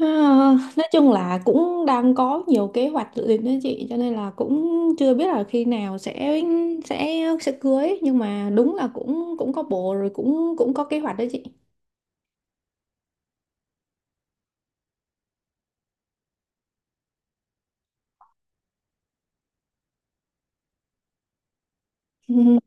À, nói chung là cũng đang có nhiều kế hoạch dự định đó chị, cho nên là cũng chưa biết là khi nào sẽ cưới, nhưng mà đúng là cũng cũng có bồ rồi, cũng cũng có kế hoạch đó chị. Ừ.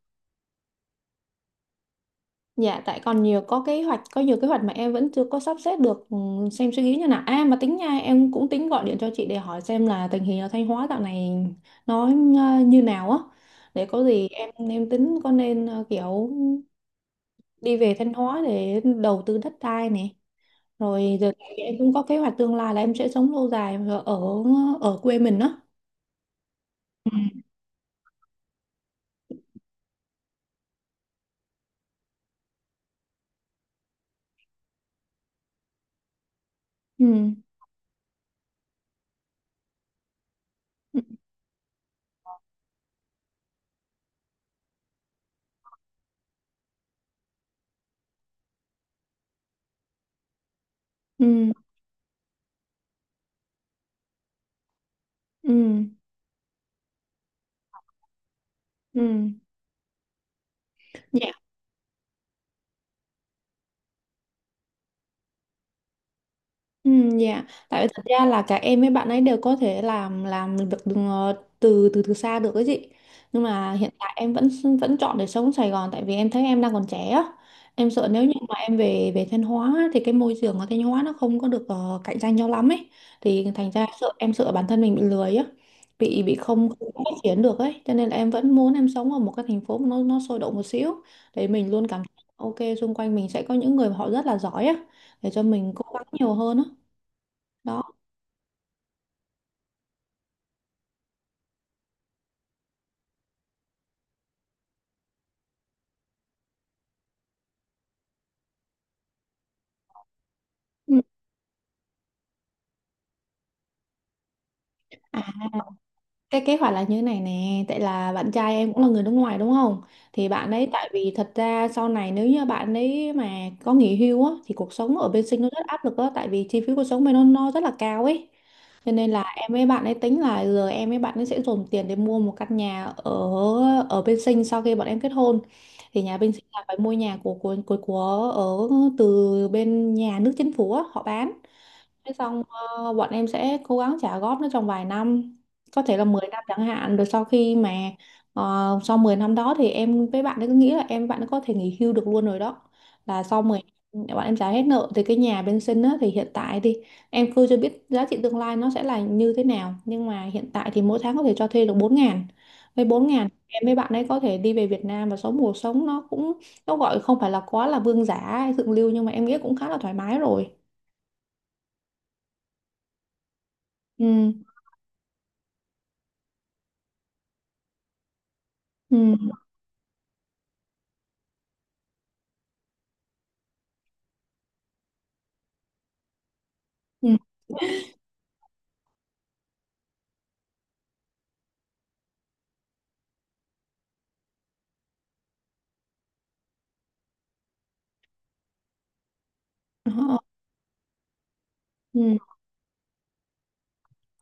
Dạ, tại còn nhiều có kế hoạch, có nhiều kế hoạch mà em vẫn chưa có sắp xếp được, xem suy nghĩ như nào. À mà tính nha, em cũng tính gọi điện cho chị để hỏi xem là tình hình ở Thanh Hóa dạo này nó như nào á, để có gì em tính có nên kiểu đi về Thanh Hóa để đầu tư đất đai nè, rồi giờ em cũng có kế hoạch tương lai là em sẽ sống lâu dài ở ở quê mình đó. Ừ. Ừ. Ừ. Ừ. Ừ. Ừ. Dạ. Ừ, dạ, tại vì thật ra là cả em với bạn ấy đều có thể làm việc từ từ xa được cái gì. Nhưng mà hiện tại em vẫn vẫn chọn để sống Sài Gòn, tại vì em thấy em đang còn trẻ á. Em sợ nếu như mà em về về Thanh Hóa á, thì cái môi trường ở Thanh Hóa nó không có được cạnh tranh nhau lắm ấy. Thì thành ra sợ, em sợ bản thân mình bị lười á, bị không, không phát triển được ấy. Cho nên là em vẫn muốn em sống ở một cái thành phố mà nó sôi động một xíu, để mình luôn cảm thấy ok xung quanh mình sẽ có những người mà họ rất là giỏi á, để cho mình cố gắng nhiều hơn á, đó. Ừ. À, cái kế hoạch là như thế này nè, tại là bạn trai em cũng là người nước ngoài đúng không, thì bạn ấy, tại vì thật ra sau này nếu như bạn ấy mà có nghỉ hưu á, thì cuộc sống ở bên Sinh nó rất áp lực á, tại vì chi phí cuộc sống bên nó rất là cao ấy. Cho nên là em với bạn ấy tính là giờ em với bạn ấy sẽ dồn tiền để mua một căn nhà ở ở bên Sinh sau khi bọn em kết hôn. Thì nhà bên Sinh là phải mua nhà của ở từ bên nhà nước chính phủ á, họ bán. Thế xong bọn em sẽ cố gắng trả góp nó trong vài năm, có thể là 10 năm chẳng hạn, rồi sau khi mà sau 10 năm đó thì em với bạn ấy cứ nghĩ là em với bạn ấy có thể nghỉ hưu được luôn rồi đó. Là sau 10 năm bọn em trả hết nợ thì cái nhà bên sinh á, thì hiện tại thì em cứ chưa biết giá trị tương lai nó sẽ là như thế nào, nhưng mà hiện tại thì mỗi tháng có thể cho thuê được 4 ngàn. Với 4 ngàn em với bạn ấy có thể đi về Việt Nam và sống cuộc sống nó cũng, nó gọi không phải là quá là vương giả hay thượng lưu, nhưng mà em nghĩ cũng khá là thoải mái rồi. Ừ. Ừ. Ừ. Ờ, ừ.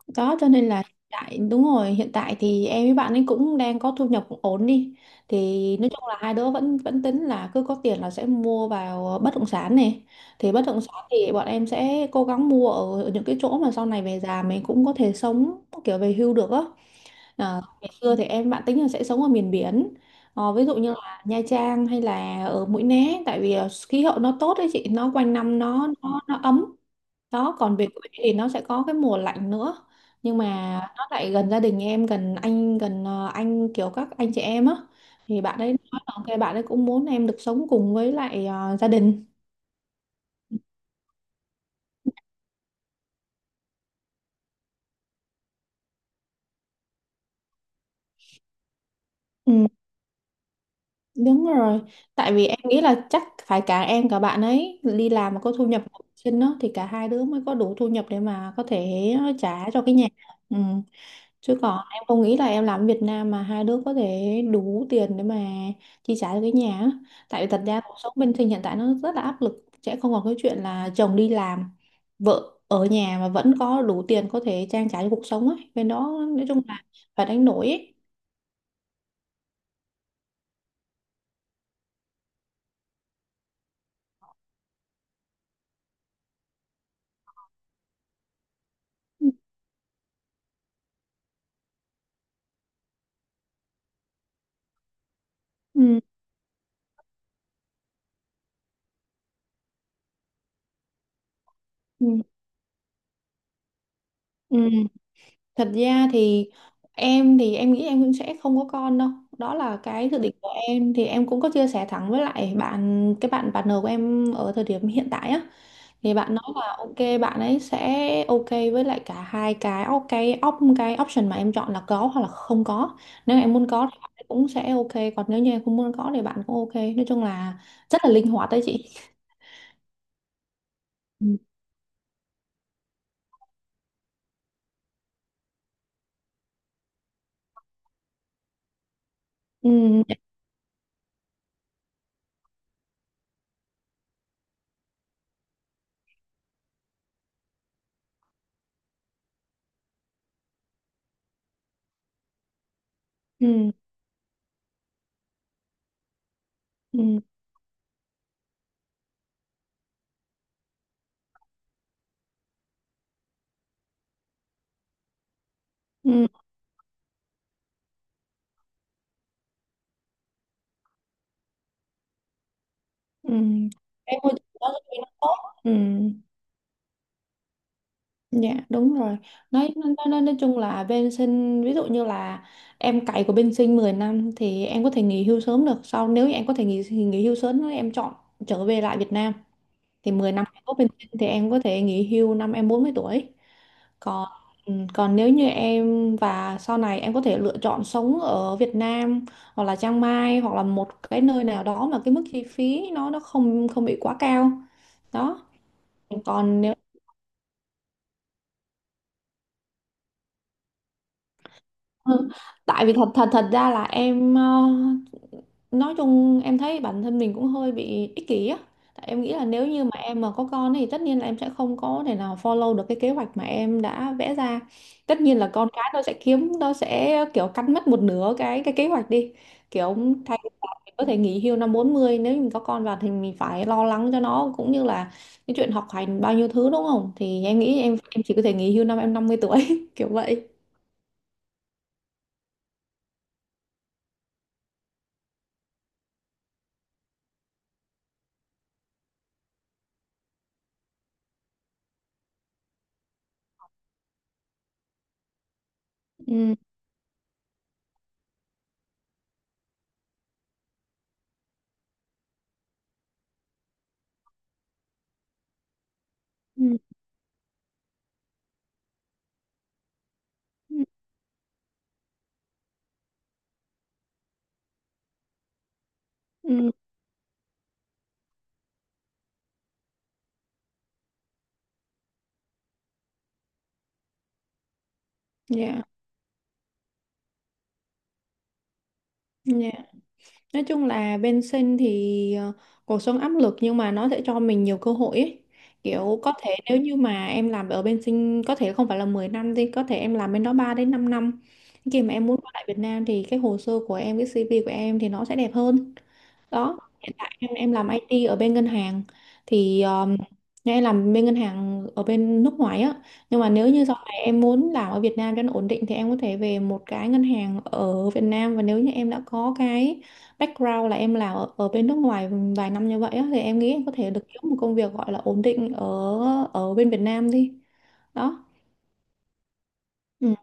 Đó, cho nên là hiện tại, đúng rồi, hiện tại thì em với bạn ấy cũng đang có thu nhập cũng ổn đi, thì nói chung là hai đứa vẫn vẫn tính là cứ có tiền là sẽ mua vào bất động sản này. Thì bất động sản thì bọn em sẽ cố gắng mua ở những cái chỗ mà sau này về già mình cũng có thể sống kiểu về hưu được á. À, ngày xưa thì em bạn tính là sẽ sống ở miền biển. Ờ, ví dụ như là Nha Trang hay là ở Mũi Né, tại vì khí hậu nó tốt đấy chị, nó quanh năm nó ấm. Đó, còn về quê thì nó sẽ có cái mùa lạnh nữa, nhưng mà nó lại gần gia đình em, gần anh, gần anh kiểu các anh chị em á. Thì bạn ấy nói là ok, bạn ấy cũng muốn em được sống cùng với lại gia đình. Ừ, đúng rồi. Tại vì em nghĩ là chắc phải cả em cả bạn ấy đi làm mà có thu nhập ổn định á, thì cả hai đứa mới có đủ thu nhập để mà có thể trả cho cái nhà. Ừ. Chứ còn em không nghĩ là em làm ở Việt Nam mà hai đứa có thể đủ tiền để mà chi trả cho cái nhà á. Tại vì thật ra cuộc sống bên sinh hiện tại nó rất là áp lực, sẽ không còn cái chuyện là chồng đi làm, vợ ở nhà mà vẫn có đủ tiền có thể trang trải cho cuộc sống ấy. Bên đó nói chung là phải đánh đổi ấy. Ừ, ừ, ừ. Ừ. Thật ra thì em nghĩ em cũng sẽ không có con đâu, đó là cái dự định của em, thì em cũng có chia sẻ thẳng với lại bạn, cái bạn partner của em ở thời điểm hiện tại á, thì bạn nói là ok, bạn ấy sẽ ok với lại cả hai cái cái op, cái option mà em chọn là có hoặc là không có. Nếu em muốn có thì bạn ấy cũng sẽ ok, còn nếu như em không muốn có thì bạn cũng ok, nói chung là rất là linh hoạt đấy chị. Ừ. Ừ. Ừ. Ừ. Ừ. Ừ. Em, môi trường giáo dục thì nó tốt. Ừ. Dạ đúng rồi. Nói nói chung là bên sinh ví dụ như là em cày của bên sinh 10 năm, thì em có thể nghỉ hưu sớm được. Sau nếu như em có thể nghỉ nghỉ hưu sớm, nếu em chọn trở về lại Việt Nam, thì mười năm em có bên sinh thì em có thể nghỉ hưu năm em 40 tuổi. Còn ừ, còn nếu như em và sau này em có thể lựa chọn sống ở Việt Nam, hoặc là Chiang Mai, hoặc là một cái nơi nào đó mà cái mức chi phí nó không, không bị quá cao, đó. Còn nếu. Ừ. Tại vì thật thật thật ra là em nói chung em thấy bản thân mình cũng hơi bị ích kỷ á. Tại em nghĩ là nếu như mà em mà có con thì tất nhiên là em sẽ không có thể nào follow được cái kế hoạch mà em đã vẽ ra. Tất nhiên là con cái nó sẽ kiếm, nó sẽ kiểu cắn mất một nửa cái kế hoạch đi. Kiểu thay vì là mình có thể nghỉ hưu năm bốn mươi, nếu như mình có con vào thì mình phải lo lắng cho nó cũng như là cái chuyện học hành bao nhiêu thứ, đúng không? Thì em nghĩ em chỉ có thể nghỉ hưu năm em năm mươi tuổi kiểu vậy. Ừ. Ừ. Ừ. Dạ, dạ. Nói chung là bên sinh thì cuộc sống áp lực, nhưng mà nó sẽ cho mình nhiều cơ hội ấy. Kiểu có thể nếu như mà em làm ở bên sinh, có thể không phải là 10 năm thì có thể em làm bên đó 3 đến 5 năm. Khi mà em muốn quay lại Việt Nam thì cái hồ sơ của em, cái CV của em thì nó sẽ đẹp hơn. Đó, hiện tại em làm IT ở bên ngân hàng thì em làm bên ngân hàng ở bên nước ngoài á, nhưng mà nếu như sau này em muốn làm ở Việt Nam cho nó ổn định thì em có thể về một cái ngân hàng ở Việt Nam. Và nếu như em đã có cái background là em làm ở bên nước ngoài vài năm như vậy á, thì em nghĩ em có thể được kiếm một công việc gọi là ổn định ở ở bên Việt Nam đi, đó. Ừ.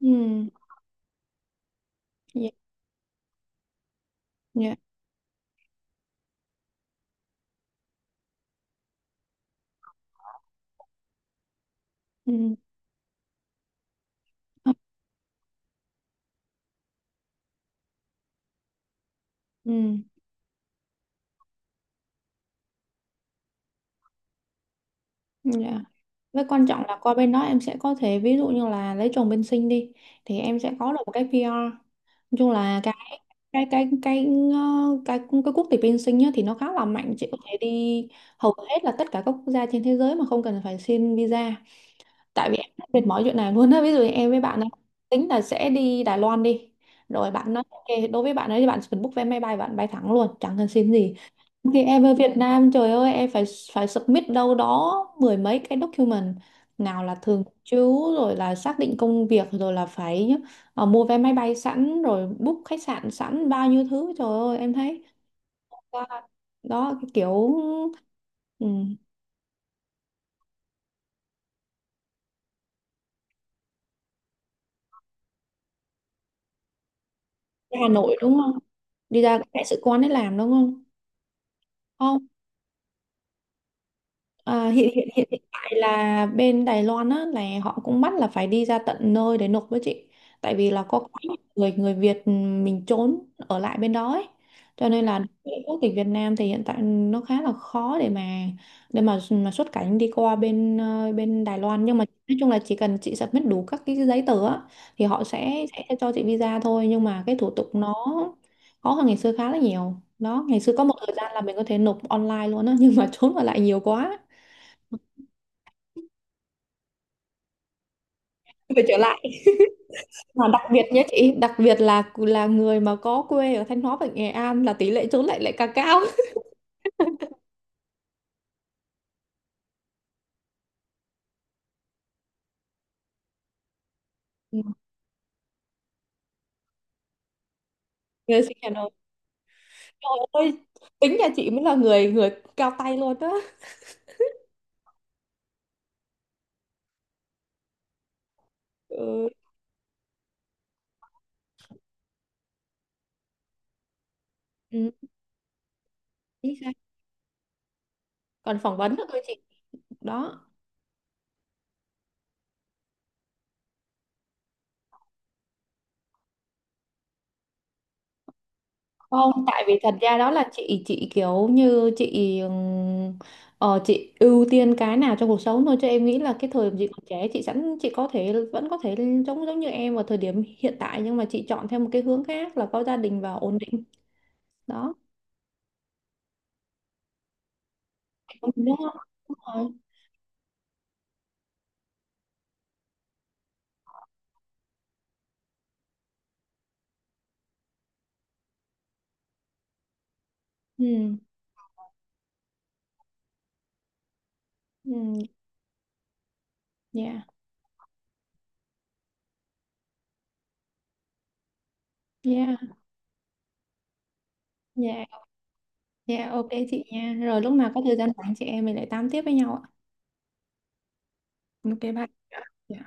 Ừ. Dạ. Dạ. Ừ. Ừ. Dạ. Với quan trọng là qua bên đó em sẽ có thể ví dụ như là lấy chồng bên sinh đi, thì em sẽ có được một cái PR. Nói chung là cái ờ, cái cái quốc tịch bên sinh nhá, thì nó khá là mạnh, chị có thể đi hầu hết là tất cả các quốc gia trên thế giới mà không cần phải xin visa. Tại vì em rất mệt mỏi chuyện này luôn á. Ví dụ như em với bạn ấy tính là sẽ đi Đài Loan đi. Rồi bạn nói ok, đối với bạn ấy thì bạn chỉ cần book vé máy bay, bạn bay thẳng luôn, chẳng cần xin gì. Thì em ở Việt Nam, trời ơi, em phải phải submit đâu đó mười mấy cái document, nào là thường trú, rồi là xác định công việc, rồi là phải mua vé máy bay sẵn, rồi book khách sạn sẵn, bao nhiêu thứ, trời ơi em thấy, đó, đó cái kiểu. ừ, Hà Nội đúng không, đi ra cái đại sứ quán để làm đúng không. Không. À, hiện hiện tại là bên Đài Loan á là họ cũng bắt là phải đi ra tận nơi để nộp với chị, tại vì là có quá nhiều người người Việt, ừ, mình trốn ở lại bên đó ấy, cho nên là đối với quốc tịch Việt Nam thì hiện tại nó khá là khó để mà xuất cảnh đi qua bên bên Đài Loan. Nhưng mà nói chung là chỉ cần chị submit đủ các cái giấy tờ á, thì họ sẽ cho chị visa thôi, nhưng mà cái thủ tục nó khó hơn ngày xưa khá là nhiều đó. Ngày xưa có một thời gian là mình có thể nộp online luôn á nhưng mà trốn ở lại nhiều quá. Về trở lại, mà đặc biệt nhé chị, đặc biệt là người mà có quê ở Thanh Hóa và Nghệ An là tỷ lệ trốn lại lại càng cao. Ừ. Người sinh nhà nào, trời ơi, tính nhà chị mới là người người cao tay luôn đó. Ừ. Ừ. Chính xác. Còn phỏng vấn nữa cơ chị, đó. Không, tại vì thật ra đó là chị kiểu như chị chị ưu tiên cái nào trong cuộc sống thôi. Cho em nghĩ là cái thời điểm chị còn trẻ, chị sẵn, chị có thể vẫn có thể giống giống như em ở thời điểm hiện tại, nhưng mà chị chọn theo một cái hướng khác là có gia đình và ổn định, đó. Ừ, đúng rồi. Ừ. Ừ. Dạ. Dạ. Dạ. Dạ ok chị nha, rồi lúc nào có thời gian rảnh chị em mình lại tám tiếp với nhau ạ. Ok bye. Dạ.